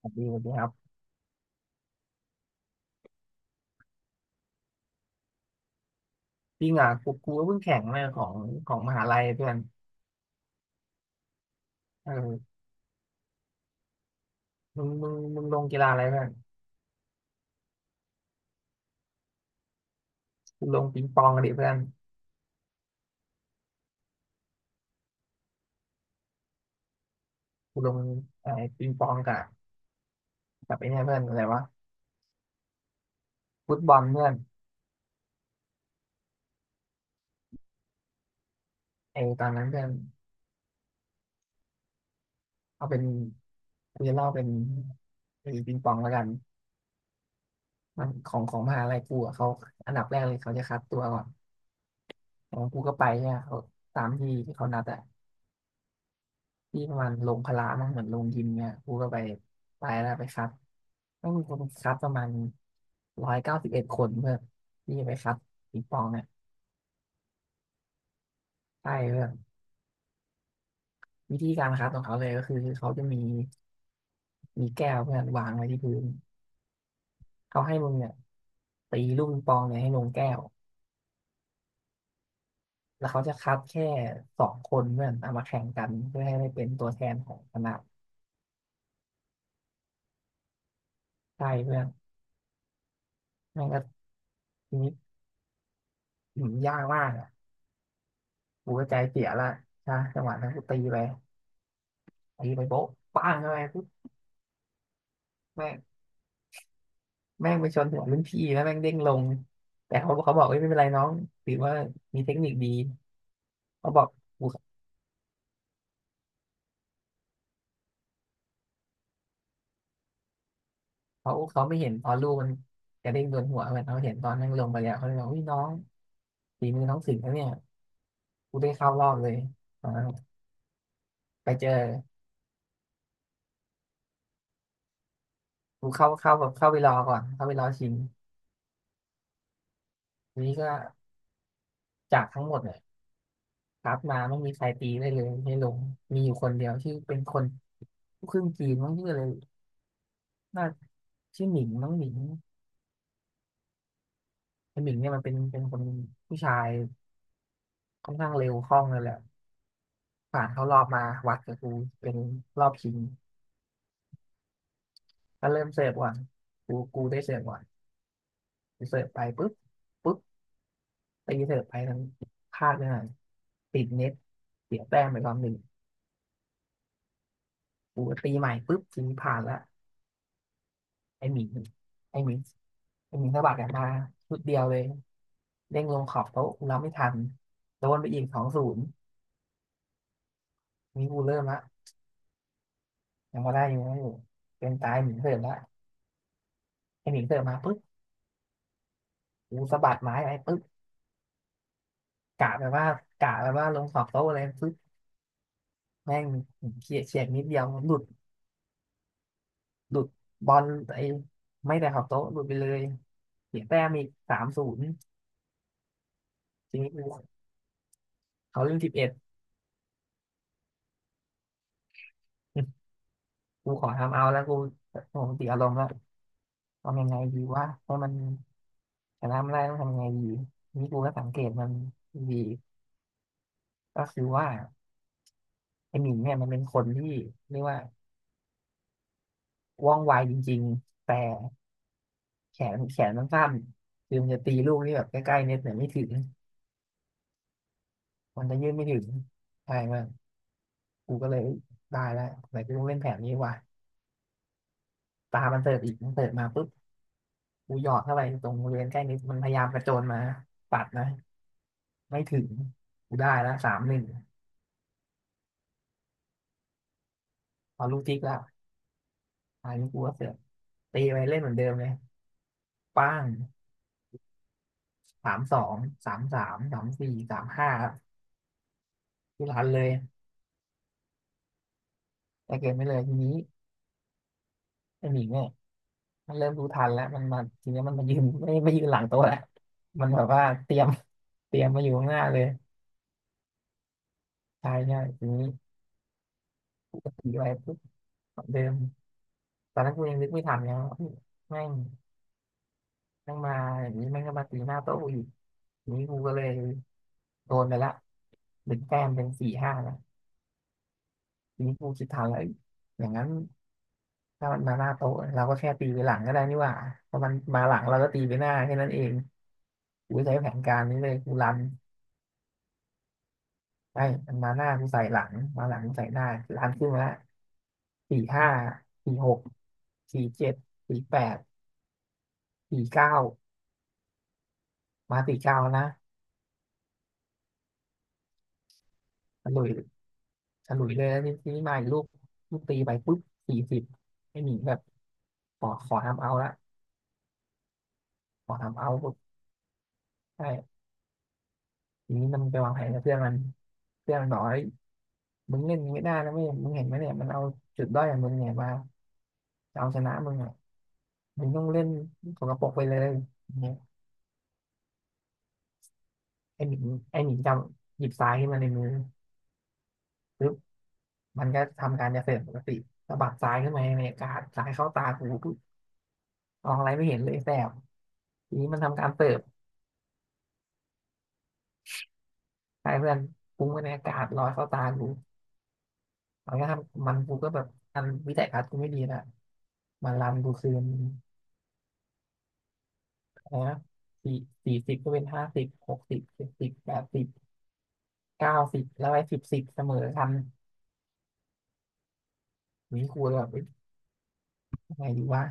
สวัสดีสวัสดีครับจริงอ่ะกูก็เพิ่งแข่งมาของมหาลัยเพื่อนเออมึงลงกีฬาอะไรเพื่อนกูลงปิงปองกันดิเพื่อนกูลงไอ้ปิงปองกับไอ้เนี่ยเพื่อนอะไรวะฟุตบอลเพื่อนไอ้ตอนนั้นเพื่อนเอาเป็นกูจะเล่าเป็นไอ้ปิงปองแล้วกันมันของมหาลัยกูอ่ะเขาอันดับแรกเลยเขาจะคัดตัวก่อนของกูก็ไปเนี่ยเขาตามที่ที่เขานัดอ่ะ ที่มันลงพละมั้งเหมือนลงยิมเนี่ยกูก็ไปแล้วไปครับต้องมีคนครับประมาณ191 คนเพื่อที่จะไปครับปิงปองเนี่ยใช่เพื่อนวิธีการครับของเขาเลยก็คือเขาจะมีมีแก้วเพื่อนวางไว้ที่พื้นเขาให้มึงเนี่ยตีลูกปิงปองเนี่ยให้ลงแก้วแล้วเขาจะคัดแค่สองคนเพื่อนเอามาแข่งกันเพื่อให้ได้เป็นตัวแทนของคณะใช่เพื่อนแม่งก็ทีนี้ยากมากอ่ะกูก็ใจเสียละใช่จังหวะนั้นกูตีไป ตีไปโป๊ะปังอะไรปุ๊บแม่งแม่งไปชนหัวรุ่นพี่แล้วแม่งเด้งลงแต่เขาบอกเอ้ยไม่เป็นไรน้องถือว่ามีเทคนิคดีเขาบอกเขาเขาไม่เห็นตอนลูกมันกระเด้งโดนหัวเหมือนเขาเห็นตอนนั่งลงไปแล้วเขาเลยบอกอุ้ยน้องฝีมือน้องสึกนะเนี่ยกูได้เข้ารอบเลยตอนนั้นไปเจอกูเข้าแบบเข้าไปรอก่อนเข้าไปรอชิงทีนี้ก็จากทั้งหมดเนี่ยครับมาไม่มีใครตีได้เลยไม่ลงมีอยู่คนเดียวที่เป็นคนลูกครึ่งจีนมั้งชื่ออะไรน่าชื่อหมิงน้องหมิง คุณหมิงเนี่ยมันเป็นคนผู้ชายค่อนข้างเร็วคล่องเลยแหละผ่านเข้ารอบมาวัดกับกูเป็นรอบชิงก็เริ่มเสิร์ฟก่อนกูได้เสิร์ฟก่อนกูเสิร์ฟไปปุ๊บปุ๊บตีเสิร์ฟไปทั้งพลาดไปหน่อยติดเน็ตเสียแต้มไปรอบหนึ่งกูก็ตีใหม่ปุ๊บทีนี้ผ่านละไอหมิงไอหมิงไอหมิงสะบัดกลับมาชุดเดียวเลยเด้งลงขอบโต๊ะกูรบไม่ทันโดนไปอีก2-0นี่กูเริ่มละยังพอได้อยู่ังไม่อยู่เป็นตายหมิงเสิร์ฟละไอหมิงเสิร์ฟมาปุ๊บ กูสะบัดไม้ไปปึ๊บกะแบบว่ากะแบบว่าลงขอบโต๊ะอะไรปึ๊บแม่งเฉียดเฉียดนิดเดียวหลุดบอลไอ้ไม่แต่ขอบโต๊ะหลุดไปเลยเสียแต้มอีก3-0ทีนี้กูเขาเล่นสิบเอ็ดกูขอทำเอาแล้วกูโอ้โหติดอารมณ์แล้วทำยังไงดีว่าให้มันชนะไม่ได้ต้องทำยังไงดีนี่กูก็สังเกตมันดีก็คือว่าไอ้หมิงเนี่ยมันเป็นคนที่เรียกว่าว่องไวจริงๆแต่ แขนมันสั้นคือมันจะตีลูกที่แบบใกล้ๆเน็ตเนี่ยไม่ถึงมันจะยืดไม่ถึงใช่มากกูก็เลยเอ้ยได้แล้วไหนกูต้องเล่นแผนนี้ว่ะตามันเสิร์ฟอีกมันเสิร์ฟมาปุ๊บกูหยอดเข้าไปตรงบริเวณใกล้เน็ตมันพยายามกระโจนมาปัดนะไม่ถึงกูได้แล้ว3-1พอลูกทิกแล้วอันนี้กูก็เสิร์ฟตีไปเล่นเหมือนเดิมเลยป้าง3-23-33-43-5ทุกรันเลยแต่เกิไม่เลยทีนี้ไอ้หนิงเนี่ย มันเริ่มรู้ทันแล้วมันมาทีนี้มันมายืนไม่ยืนหลังโต๊ะแล้วมันแบบว่าเตรียมมาอยู่ข้างหน้าเลยใช่ใช่ทีนี้ขี่ไปปุ๊บเหมือนเดิมตอนนั้นกูยังนึกไม่ทันไงว่าเฮ้ยแม่งแม่งมาอย่างนี้แม่งก็มาตีหน้าโต๊ะกูอีกทีนี้กูก็เลยโดนไปละหนึ่งแต้มเป็น4-5นะทีนี้กูคิดทันแล้วเอ้ยอย่างนั้นถ้ามันมาหน้าโต๊ะเราก็แค่ตีไปหลังก็ได้นี่หว่าถ้ามันมาหลังเราก็ตีไปหน้าแค่นั้นเองกูใช้แผนการนี้เลยกูรัน ใช่มันมาหน้ากูใส่หลังมาหลังกูใส่หน้าร้านขึ้นมาละสี่ห้าสี่หกสี่เจ็ดสี่แปดสี่เก้ามาสี่เก้านะฉลุยฉลุยเลยแล้วทีนี้มาอีกลูกลูกตีไปปุ๊บสี่สิบไม่หนีแบบขอทำเอาละขอทำเอาปุ๊บใช่ทีนี้มันไปวางแผนกับเพื่อนมันบอกเฮ้ยมึงเล่นอย่างนี้ไม่ได้นะไม่มึงเห็นไหมเนี่ยมันเอาจุดด้อยของมึงเนี่ยมาจะเอาชนะมึงอ่ะมึงต้องเล่นสกปรกไปเลยอย่างเนี่ยไอหมิงไอหมิงจำหยิบทรายขึ้นมาในมือปึ๊บ มันก็ทำการเกษตรปกติสะบัดซ้ายขึ้นมาในอากาศซ้ายเข้าตากูปุ๊บมองอะไรไม่เห็นเลยแสบทีนี้มันทำการเสิร์ฟใช้เพื่อนฟุ้งไปในอากาศลอยเข้าตากูมันก็ทำมันกูก็แบบอันวิสัยทัศกูไม่ดีนะมันรันกูคืนอะไรนะสี่สี่สิบก็เป็นห้าสิบหกสิบเจ็ดสิบแปดสิบเก้าสิบแล้วไอ้สิบสิบเสมอกันอย่นี้กูยแบบเอ้ยยังไงดีวะ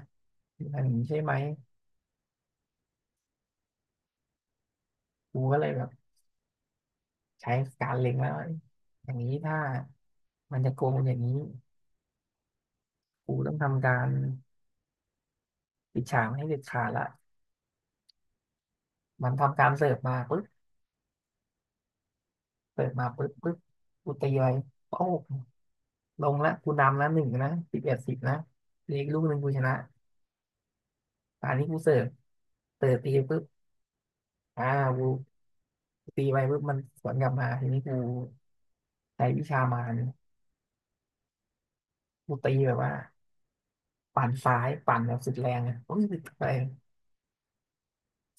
อันนี้ใช่ไหมกูก็เลยแบบใช้การเล็งแล้วาอย่างนี้ถ้ามันจะโกงอย่างนี้ ครูต้องทำการปิดฉากให้เด็ดขาดละ มันทำการเสิร์ฟมาปุ๊บเสิร์ฟมาปุ๊บปุ๊บกูตีไปโอ้โหลงละกูนำละหนึ่งนะสิบเอ็ดสิบนะเหลืออีกลูกหนึ่งกูชนะตอนนี้กูเสิร์ฟเสิร์ฟตีปุ๊บอ่ากูตีไปปุ๊บมันสวนกลับมาทีนี้กูใช้วิชามารกูตีแบบว่าปั่นซ้ายปั่นแบบสุดแรงอ่ะปุ๊บไป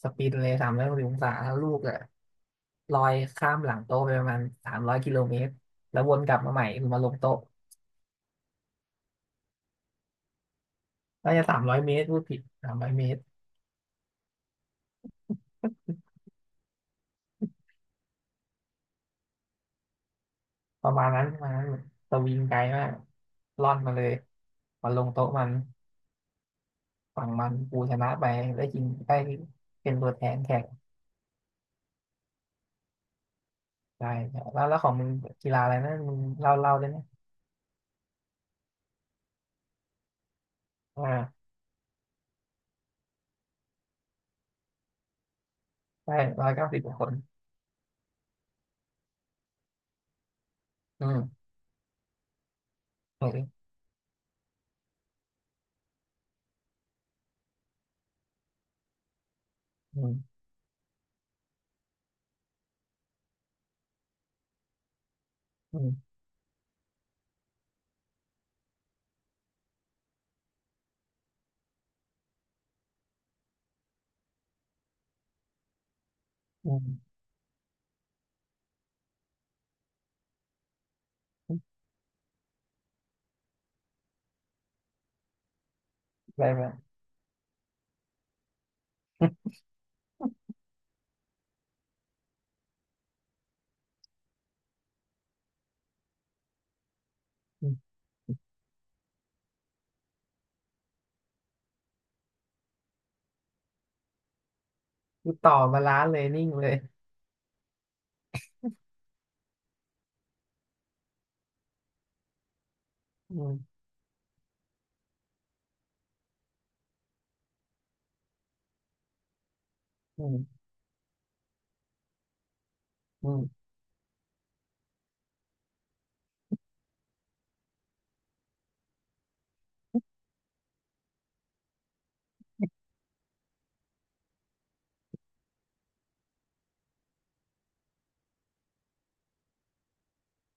สปินเลย360 องศาแล้วลูกอ่ะลอยข้ามหลังโต๊ะไปประมาณ300 กิโลเมตรแล้ววนกลับมาใหม่คือมาลงโต๊ะ น่าจะ300 เมตรพูดผิดสามร้อยเมตรประมาณนั้นประมาณนั้นสวิงไกลมากล่อนมาเลยมาลงโต๊ะมันฝั่งมันกูชนะไปได้กินได้เป็นตัวแทนแข่งได้แล้วแล้วของมึงกีฬาอะไรนะมึงเล่าเล่าได้ไหมอ่าได้190กว่าคนอืมออเคอืมอืมอืมอะไรแบบกู ต่อมาล้านเลยนิ่งเลยอืมอืมอืม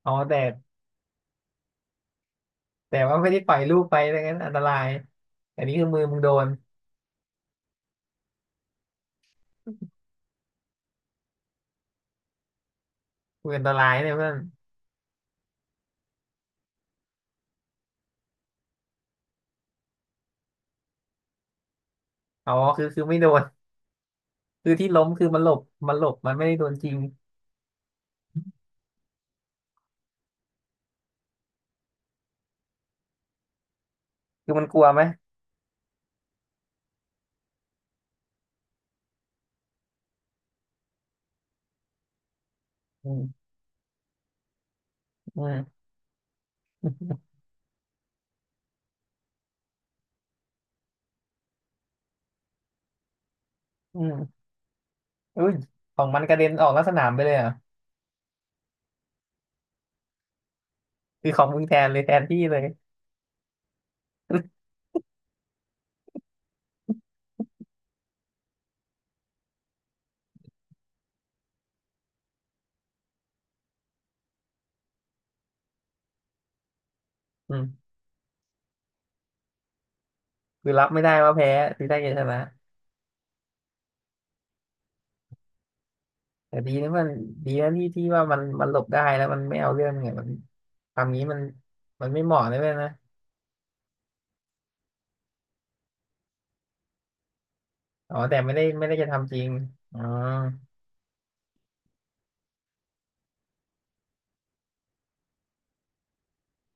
อ๋อแต่ว่าไม่ได้ปล่อยลูกไปดังนั้นอันตรายอันนี้คือมือมึงโดนมืออันตรายเนี่ยเพื่อน อ๋อคือไม่โดน คือที่ล้มคือมันหลบมันหลบมันไม่ได้โดนจริงคือมันกลัวไหมอืมอืม อืมอุ้ยของมันกระเด็นออกนอกสนามไปเลยเหรอ่ะคือของมึงแทนเลยแทนที่เลย อืมคือรับไม่ได้ว่าแพ้คือได้แค่ชนะแต่ดีนะมันดีนะที่ที่ว่ามันมันหลบได้แล้วมันไม่เอาเรื่องเนี่ยมันทำงี้มันมันไม่เหมาะเลยเว้ยนะอ๋อแต่ไม่ได้จะทำจริงอ๋อ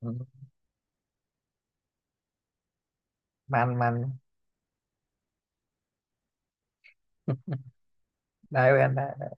อืมมันมัน ได้เพื่อนได้